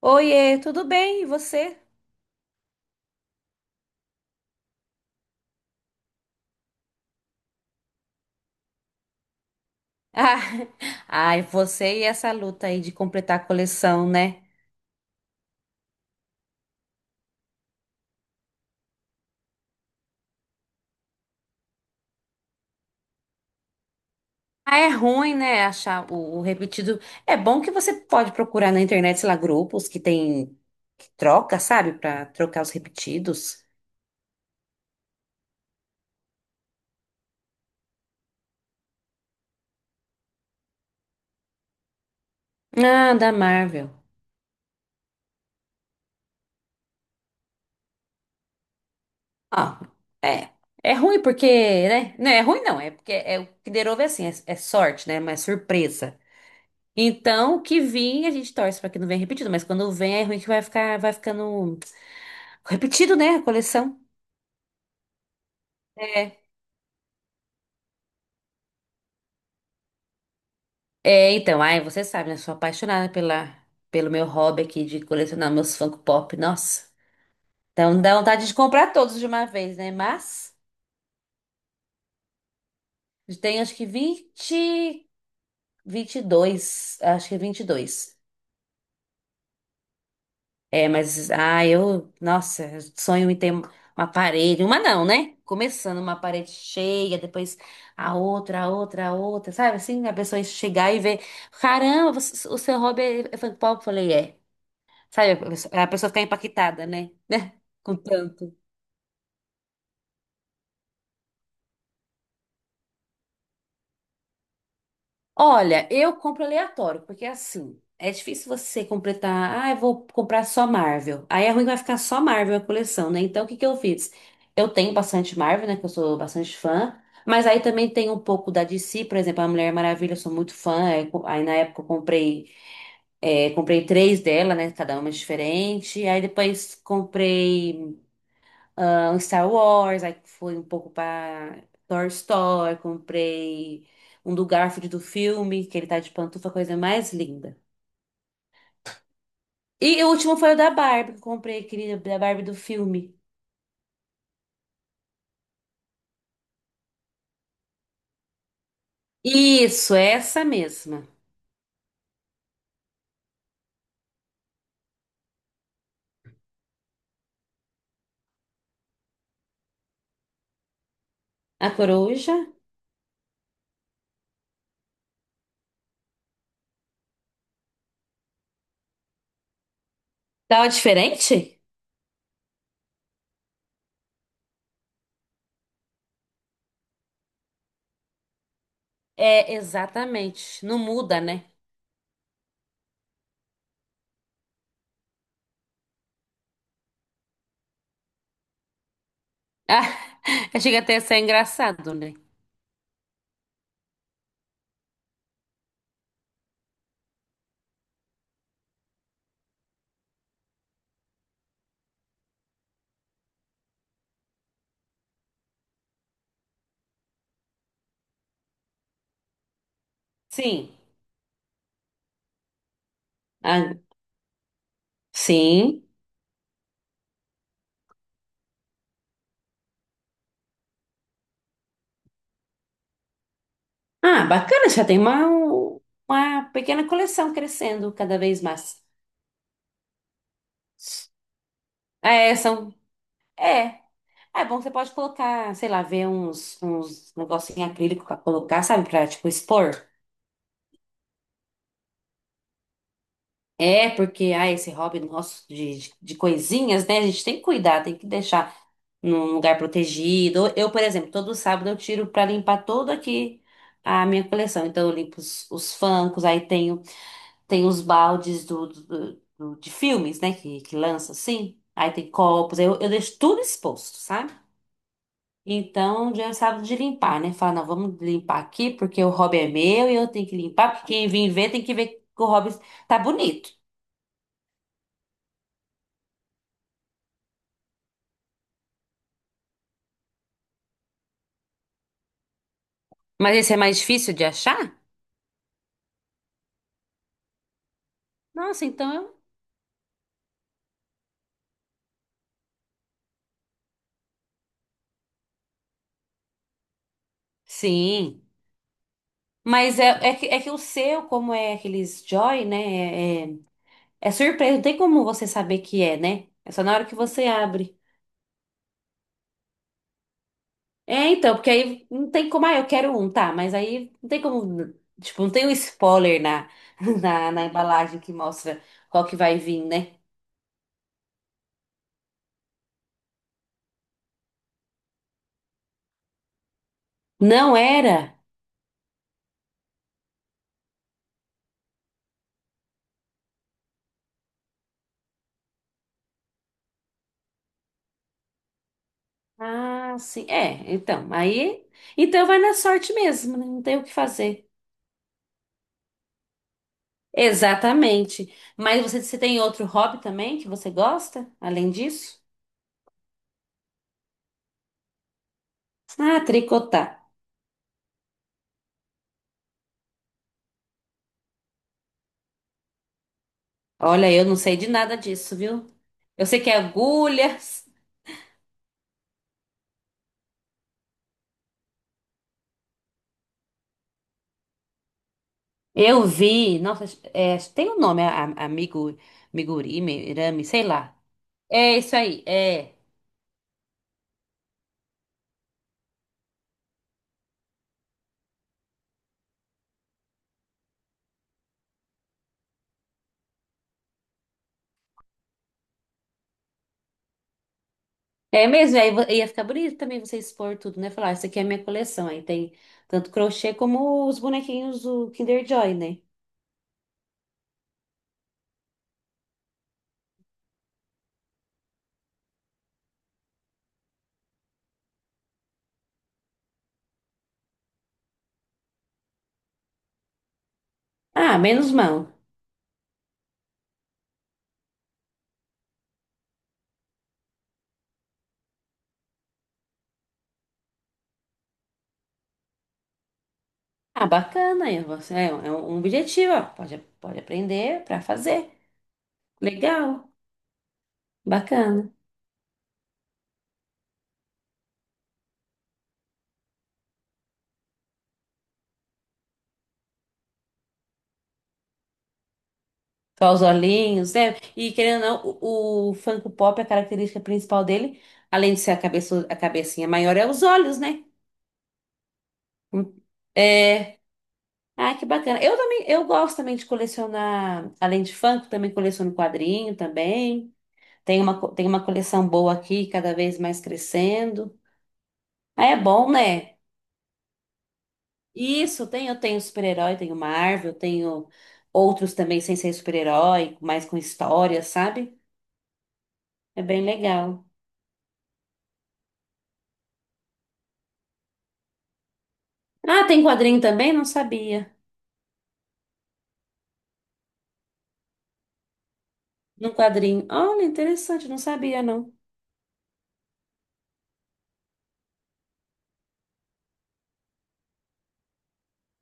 Oiê, tudo bem? E você? Ah, ai, você e essa luta aí de completar a coleção, né? Ah, é ruim, né? Achar o repetido. É bom que você pode procurar na internet, sei lá, grupos que tem que troca, sabe? Pra trocar os repetidos. Ah, da Marvel. Ah, é. É ruim porque, né? Não é ruim não, é porque é o que derou é assim, é sorte, né? Mas surpresa. Então, o que vir, a gente torce pra que não venha repetido, mas quando vem é ruim que vai ficar, vai ficando repetido, né? A coleção. É. É, então, ai, você sabe, né? Sou apaixonada pelo meu hobby aqui de colecionar meus Funko Pop. Nossa. Então dá vontade de comprar todos de uma vez, né? Mas tem acho que 20, dois, acho que 22. É, mas nossa, eu sonho em ter uma parede, uma não, né? Começando uma parede cheia, depois a outra, a outra, a outra, sabe? Assim, a pessoa chegar e ver, caramba, o seu hobby é Funko Pop, eu falei, é. Sabe, a pessoa fica impactada, né? Né? Com tanto. Olha, eu compro aleatório, porque é assim, é difícil você completar. Ah, eu vou comprar só Marvel. Aí é ruim que vai ficar só Marvel a coleção, né? Então, o que que eu fiz? Eu tenho bastante Marvel, né? Que eu sou bastante fã. Mas aí também tem um pouco da DC, por exemplo, a Mulher Maravilha, eu sou muito fã. Aí na época eu comprei, comprei três dela, né? Cada uma é diferente. Aí depois comprei, ah, um Star Wars, aí foi um pouco pra Toy Story, comprei um do Garfield do filme, que ele tá de pantufa, coisa mais linda. E o último foi o da Barbie, que eu comprei aquele da Barbie do filme. Isso, essa mesma. A coruja. Tava diferente? É, exatamente. Não muda, né? Ah, chega até a ser engraçado, né? Sim. Ah, sim. Ah, bacana, já tem uma pequena coleção crescendo cada vez mais. É, são. É. É bom, você pode colocar, sei lá, ver uns negócios em acrílico pra colocar, sabe? Pra, tipo, expor. É, porque, ah, esse hobby nosso de coisinhas, né? A gente tem que cuidar, tem que deixar num lugar protegido. Eu, por exemplo, todo sábado eu tiro pra limpar todo aqui a minha coleção. Então, eu limpo os funkos, aí tenho os baldes de filmes, né? Que lança assim. Aí tem copos, eu deixo tudo exposto, sabe? Então já sabe de limpar, né? Fala, não, vamos limpar aqui porque o hobby é meu e eu tenho que limpar, porque quem vir ver tem que ver que o hobby tá bonito. Mas esse é mais difícil de achar? Nossa, então eu. Sim. Mas é que o seu, como é aqueles Joy, né? É, é, é surpresa, não tem como você saber que é, né? É só na hora que você abre. É, então, porque aí não tem como, ah, eu quero um, tá, mas aí não tem como, tipo, não tem um spoiler na, na embalagem que mostra qual que vai vir, né? Não era? Ah, sim. É, então, aí. Então vai na sorte mesmo, né? Não tem o que fazer. Exatamente. Mas você tem outro hobby também que você gosta, além disso? Ah, tricotar. Olha, eu não sei de nada disso, viu? Eu sei que é agulhas. Eu vi. Nossa, é, tem um nome, amigo, migurumi, irame, sei lá. É isso aí, é. É mesmo, aí ia ficar bonito também você expor tudo, né? Falar, "Ah, isso aqui é a minha coleção. Aí tem tanto crochê como os bonequinhos do Kinder Joy, né? Ah, menos mão. Ah, bacana, aí é um objetivo, ó. Pode aprender para fazer. Legal, bacana. Só os olhinhos, né? E querendo ou não, o Funko Pop, é a característica principal dele, além de ser a cabeça, a cabecinha maior, é os olhos, né? Hum. É. Ah, que bacana. Eu também, eu gosto também de colecionar, além de funk, também coleciono quadrinho também. Tem uma coleção boa aqui, cada vez mais crescendo. Ah, é bom, né? Isso, eu tenho super-herói, tenho Marvel, tenho outros também sem ser super-herói, mais com história, sabe? É bem legal. Ah, tem quadrinho também? Não sabia. No quadrinho. Olha, interessante, não sabia, não.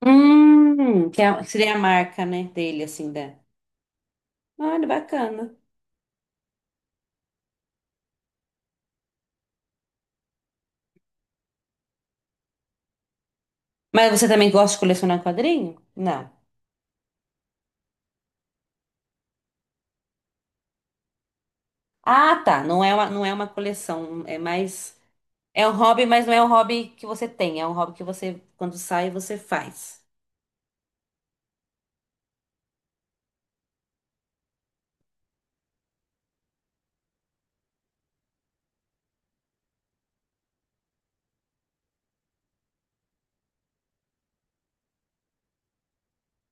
Que seria a marca, né, dele, assim, da. Olha, bacana. Mas você também gosta de colecionar quadrinho? Não. Ah, tá. Não é uma coleção. É mais. É um hobby, mas não é um hobby que você tem. É um hobby que você, quando sai, você faz.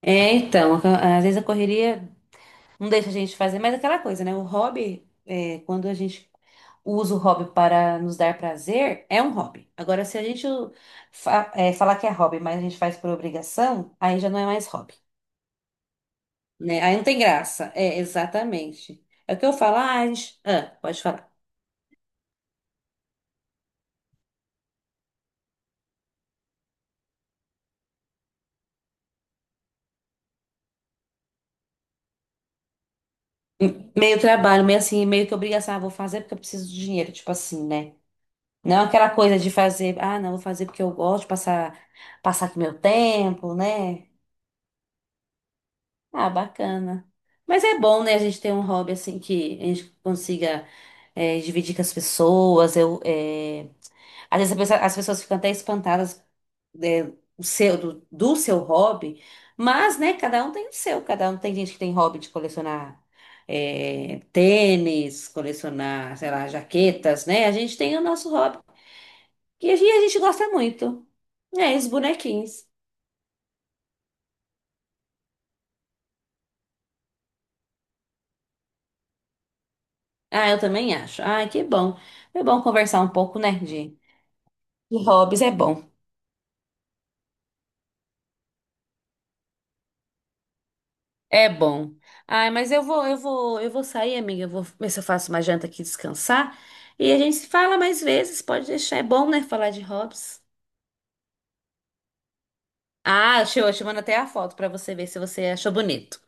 É, então. Às vezes a correria não deixa a gente fazer, mas é aquela coisa, né? O hobby, é, quando a gente usa o hobby para nos dar prazer, é um hobby. Agora, se a gente falar que é hobby, mas a gente faz por obrigação, aí já não é mais hobby, né? Aí não tem graça. É, exatamente. É o que eu falo. Ah, a gente... ah, pode falar. Meio trabalho, meio assim, meio que obrigação, ah, vou fazer porque eu preciso de dinheiro, tipo assim, né? Não é aquela coisa de fazer, ah, não, vou fazer porque eu gosto de passar aqui meu tempo, né? Ah, bacana. Mas é bom, né, a gente ter um hobby assim que a gente consiga dividir com as pessoas. Às vezes as pessoas ficam até espantadas é, o seu, do seu hobby, mas, né, cada um tem o seu, cada um tem gente que tem hobby de colecionar tênis, colecionar, sei lá, jaquetas, né? A gente tem o nosso hobby, que a gente gosta muito, né, os bonequinhos. Ah, eu também acho. Ah, que bom. É bom conversar um pouco, né, de hobbies, é bom. É bom. Ai, mas eu vou sair, amiga. Eu vou ver se eu faço uma janta aqui descansar. E a gente se fala mais vezes, pode deixar. É bom, né, falar de hobbies. Ah, show, eu te mando até a foto pra você ver se você achou bonito.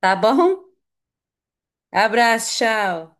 Tá bom? Abraço, tchau.